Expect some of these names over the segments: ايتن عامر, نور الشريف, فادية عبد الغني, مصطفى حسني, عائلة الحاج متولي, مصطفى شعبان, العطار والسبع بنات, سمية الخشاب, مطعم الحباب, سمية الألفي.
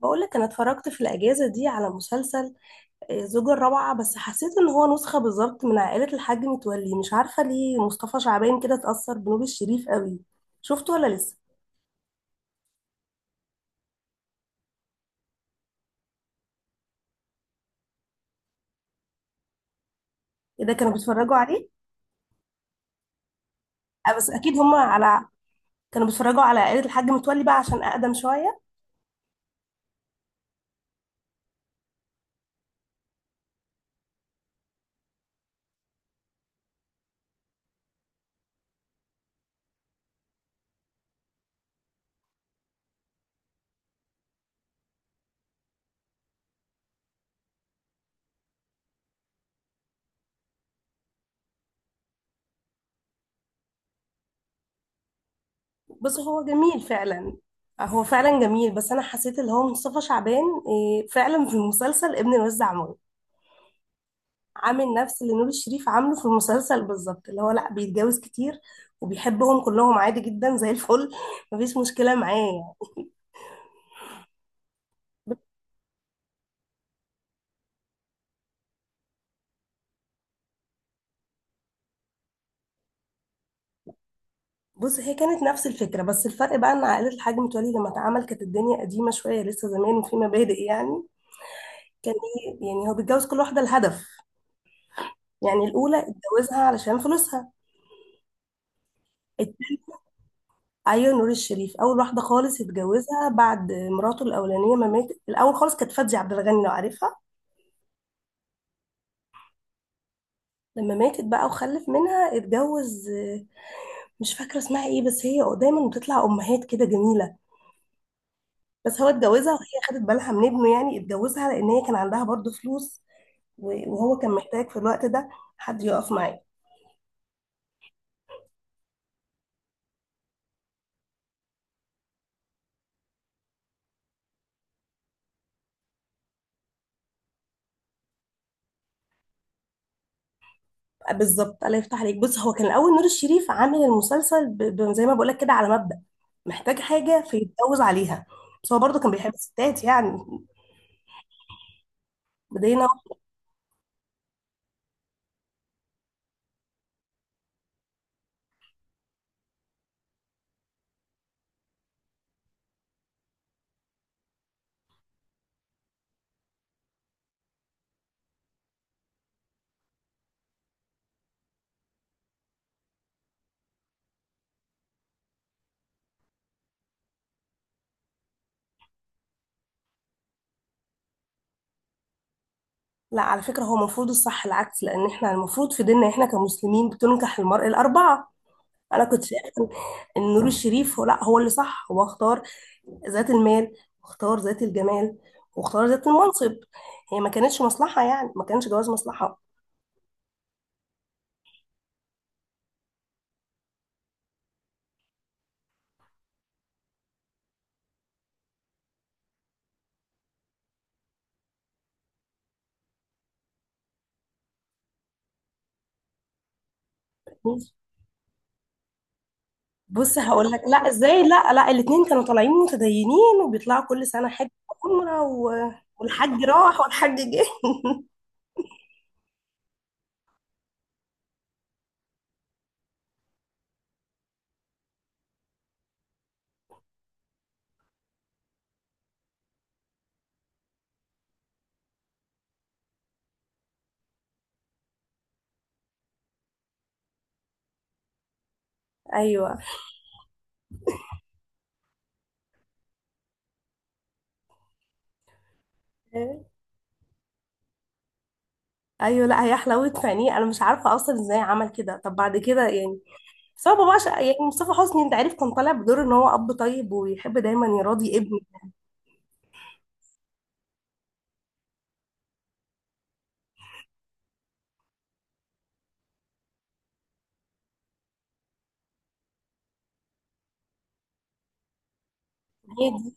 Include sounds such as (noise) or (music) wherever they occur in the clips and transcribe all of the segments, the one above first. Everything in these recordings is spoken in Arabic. بقول لك انا اتفرجت في الاجازه دي على مسلسل زوجة الرابعه. بس حسيت ان هو نسخه بالظبط من عائله الحاج متولي، مش عارفه ليه مصطفى شعبان كده اتاثر بنور الشريف قوي. شفته ولا لسه؟ ايه ده، كانوا بيتفرجوا عليه؟ بس اكيد هم على كانوا بيتفرجوا على عائله الحاج متولي بقى عشان اقدم شويه. بس هو جميل فعلا. هو فعلا جميل، بس انا حسيت اللي هو مصطفى شعبان فعلا في المسلسل ابن الوزع عامل نفس اللي نور الشريف عامله في المسلسل بالظبط، اللي هو لا بيتجوز كتير وبيحبهم كلهم عادي جدا زي الفل (laughs) مفيش مشكلة معاه يعني. بص، هي كانت نفس الفكرة، بس الفرق بقى ان عائلة الحاج متولي لما اتعمل كانت الدنيا قديمة شوية لسه زمان وفي مبادئ يعني. يعني هو بيتجوز كل واحدة لهدف. يعني الأولى اتجوزها علشان فلوسها. الت- أيوة، نور الشريف أول واحدة خالص اتجوزها بعد مراته الأولانية ما ماتت. الأول خالص كانت فادية عبد الغني، لو عارفها. لما ماتت بقى وخلف منها اتجوز، مش فاكرة اسمها ايه بس هي دايما بتطلع امهات كده جميلة. بس هو اتجوزها وهي خدت بالها من ابنه، يعني اتجوزها لان هي كان عندها برضو فلوس، وهو كان محتاج في الوقت ده حد يقف معاه. بالظبط، الله يفتح عليك. بص، هو كان الاول نور الشريف عامل المسلسل زي ما بقولك كده، على مبدأ محتاج حاجة فيتجوز عليها، بس هو برضه كان بيحب الستات يعني. بدينا. لا، على فكرة هو المفروض الصح العكس، لأن احنا المفروض في ديننا احنا كمسلمين بتنكح المرأة الأربعة. أنا كنت شايفة ان نور الشريف هو لا هو اللي صح، هو اختار ذات المال، واختار ذات الجمال، واختار ذات المنصب. هي ما كانتش مصلحة يعني، ما كانش جواز مصلحة. بص هقول لك، لا ازاي، لا لا، الاتنين كانوا طالعين متدينين وبيطلعوا كل سنة حج، عمرة والحج راح والحج جه. (laughs) ايوه ايوه، لا هي حلاوة فنيه، انا مش عارفة اصلا ازاي عمل كده. طب بعد كده يعني، بس هو بابا يعني مصطفى حسني، انت عارف كان طالع بدور ان هو اب طيب ويحب دايما يراضي ابنه.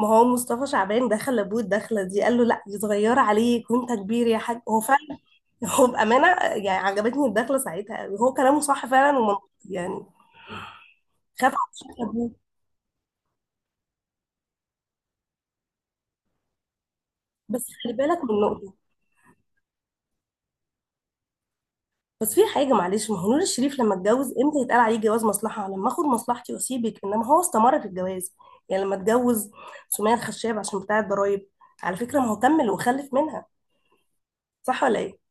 ما هو مصطفى شعبان دخل لابوه الدخله دي قال له لا دي صغيره عليك وانت كبير يا حاج، هو فعلا، هو بامانه يعني عجبتني الدخله ساعتها قوي. هو كلامه صح فعلا ومنطقي يعني، خاف على شكل ابوه. بس خلي بالك من نقطه، بس في حاجه معلش، ما هو نور الشريف لما اتجوز امتى يتقال عليه جواز مصلحه؟ لما اخد مصلحتي واسيبك، انما هو استمر في الجواز. يعني لما اتجوز سمية الخشاب عشان بتاع الضرايب، على فكره ما هو كمل وخلف منها، صح ولا ايه؟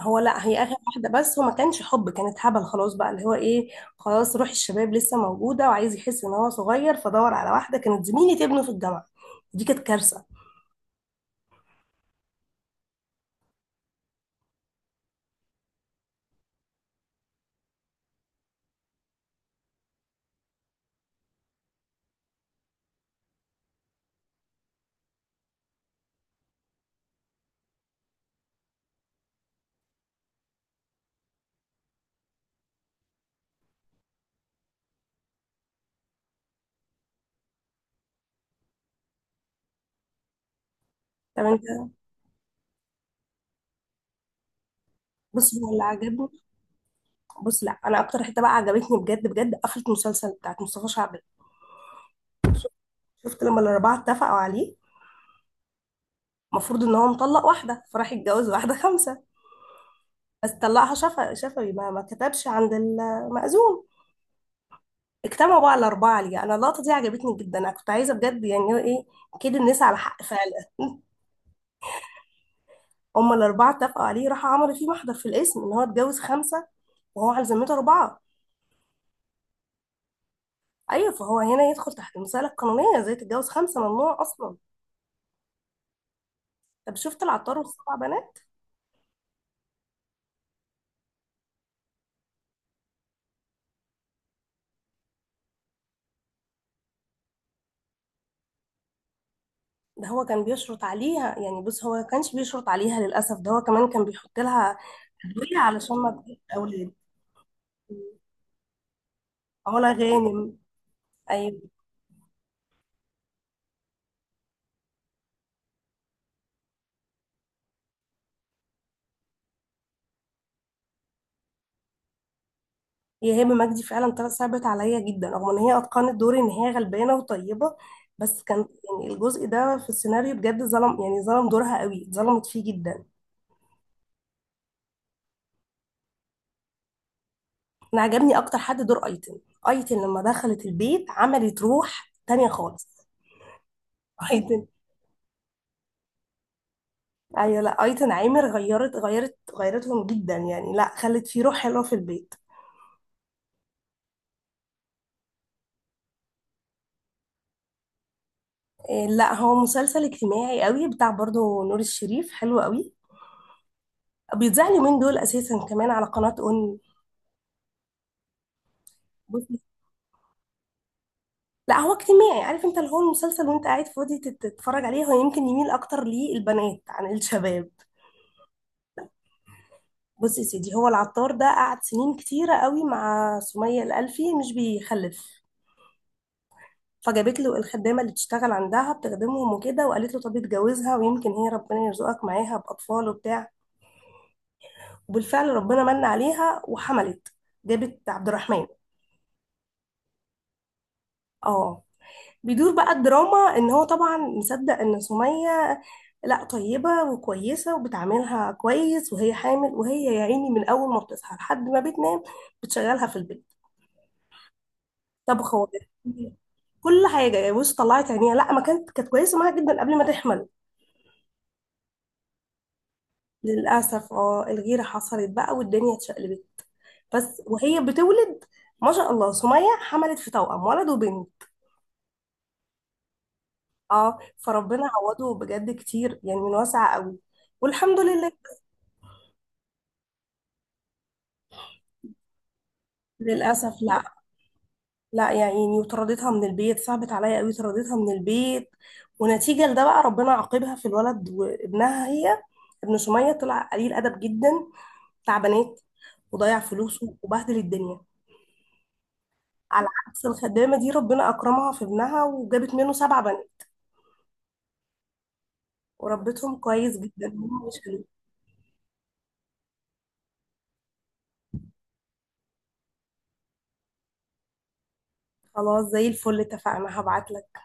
هو لا، هي اخر واحده بس هو ما كانش حب، كانت هبل خلاص بقى اللي هو ايه، خلاص روح الشباب لسه موجوده وعايز يحس ان هو صغير فدور على واحده كانت زميله ابنه في الجامعه. دي كانت كارثه. طب انت، بص هو اللي عجبني، بص لا انا اكتر حته بقى عجبتني بجد بجد قفله المسلسل بتاعت مصطفى شعبان. شفت لما الاربعه اتفقوا عليه؟ المفروض ان هو مطلق واحده فراح يتجوز واحده خمسه، بس طلقها شفا شفوي، ما كتبش عند المأذون. اجتمعوا بقى الأربعة ليه؟ أنا اللقطة دي عجبتني جدا، أنا كنت عايزة بجد يعني إيه كده، الناس على حق فعلا. (laughs) هما الأربعة اتفقوا عليه، راحوا عملوا فيه محضر في الاسم إن هو اتجوز خمسة وهو على ذمته أربعة. أيوة، فهو هنا يدخل تحت المسألة القانونية، زي تتجوز خمسة ممنوع أصلا. طب شفت العطار والسبع بنات؟ ده هو كان بيشرط عليها يعني، بص هو ما كانش بيشرط عليها للأسف، ده هو كمان كان بيحط لها أدوية علشان ما تجيبش أولاد. علا غانم. أيوة. هي هبه مجدي فعلا طلعت صعبت عليا جدا، رغم ان هي اتقنت دور ان هي غلبانه وطيبه، بس كان، يعني الجزء ده في السيناريو بجد ظلم، يعني ظلم دورها قوي، ظلمت فيه جدا. انا عجبني اكتر حد دور ايتن. ايتن لما دخلت البيت عملت روح تانية خالص. (laughs) ايتن. ايوه، لا ايتن عامر غيرتهم جدا يعني، لا خلت فيه روح حلوه في البيت. إيه، لا هو مسلسل اجتماعي قوي بتاع برضه نور الشريف، حلو قوي، بيتذاع اليومين دول اساسا كمان على قناه اون. لا هو اجتماعي، عارف انت اللي هو المسلسل وانت قاعد فاضي تتفرج عليه، هو يمكن يميل اكتر للبنات عن الشباب. بص يا سيدي، هو العطار ده قعد سنين كتيرة قوي مع سمية الألفي مش بيخلف، فجابت له الخدامة اللي تشتغل عندها بتخدمهم وكده وقالت له طب اتجوزها ويمكن هي ربنا يرزقك معاها بأطفال وبتاع، وبالفعل ربنا من عليها وحملت، جابت عبد الرحمن. اه. بيدور بقى الدراما ان هو طبعا مصدق ان سمية لا طيبة وكويسة وبتعاملها كويس، وهي حامل وهي يا عيني من اول ما بتصحى لحد ما بتنام بتشغلها في البيت، طبخ وغير (laughs) كل حاجة يعني. بص طلعت عينيها، لا ما كانت كويسة معاها جدا قبل ما تحمل. للأسف الغيرة حصلت بقى والدنيا اتشقلبت. بس وهي بتولد، ما شاء الله، سمية حملت في توأم ولد وبنت. اه فربنا عوضه بجد كتير يعني، من واسع قوي، والحمد لله. للأسف لا. لا يا عيني، وطردتها من البيت، صعبت عليا قوي، طردتها من البيت. ونتيجة لده بقى ربنا عاقبها في الولد، وابنها هي، ابن سمية، طلع قليل أدب جدا، بتاع بنات، وضيع فلوسه وبهدل الدنيا. على عكس الخدامة دي ربنا أكرمها في ابنها وجابت منه سبع بنات، وربتهم كويس جدا، هم مش حلوين. خلاص زي الفل، اتفقنا، هبعتلك.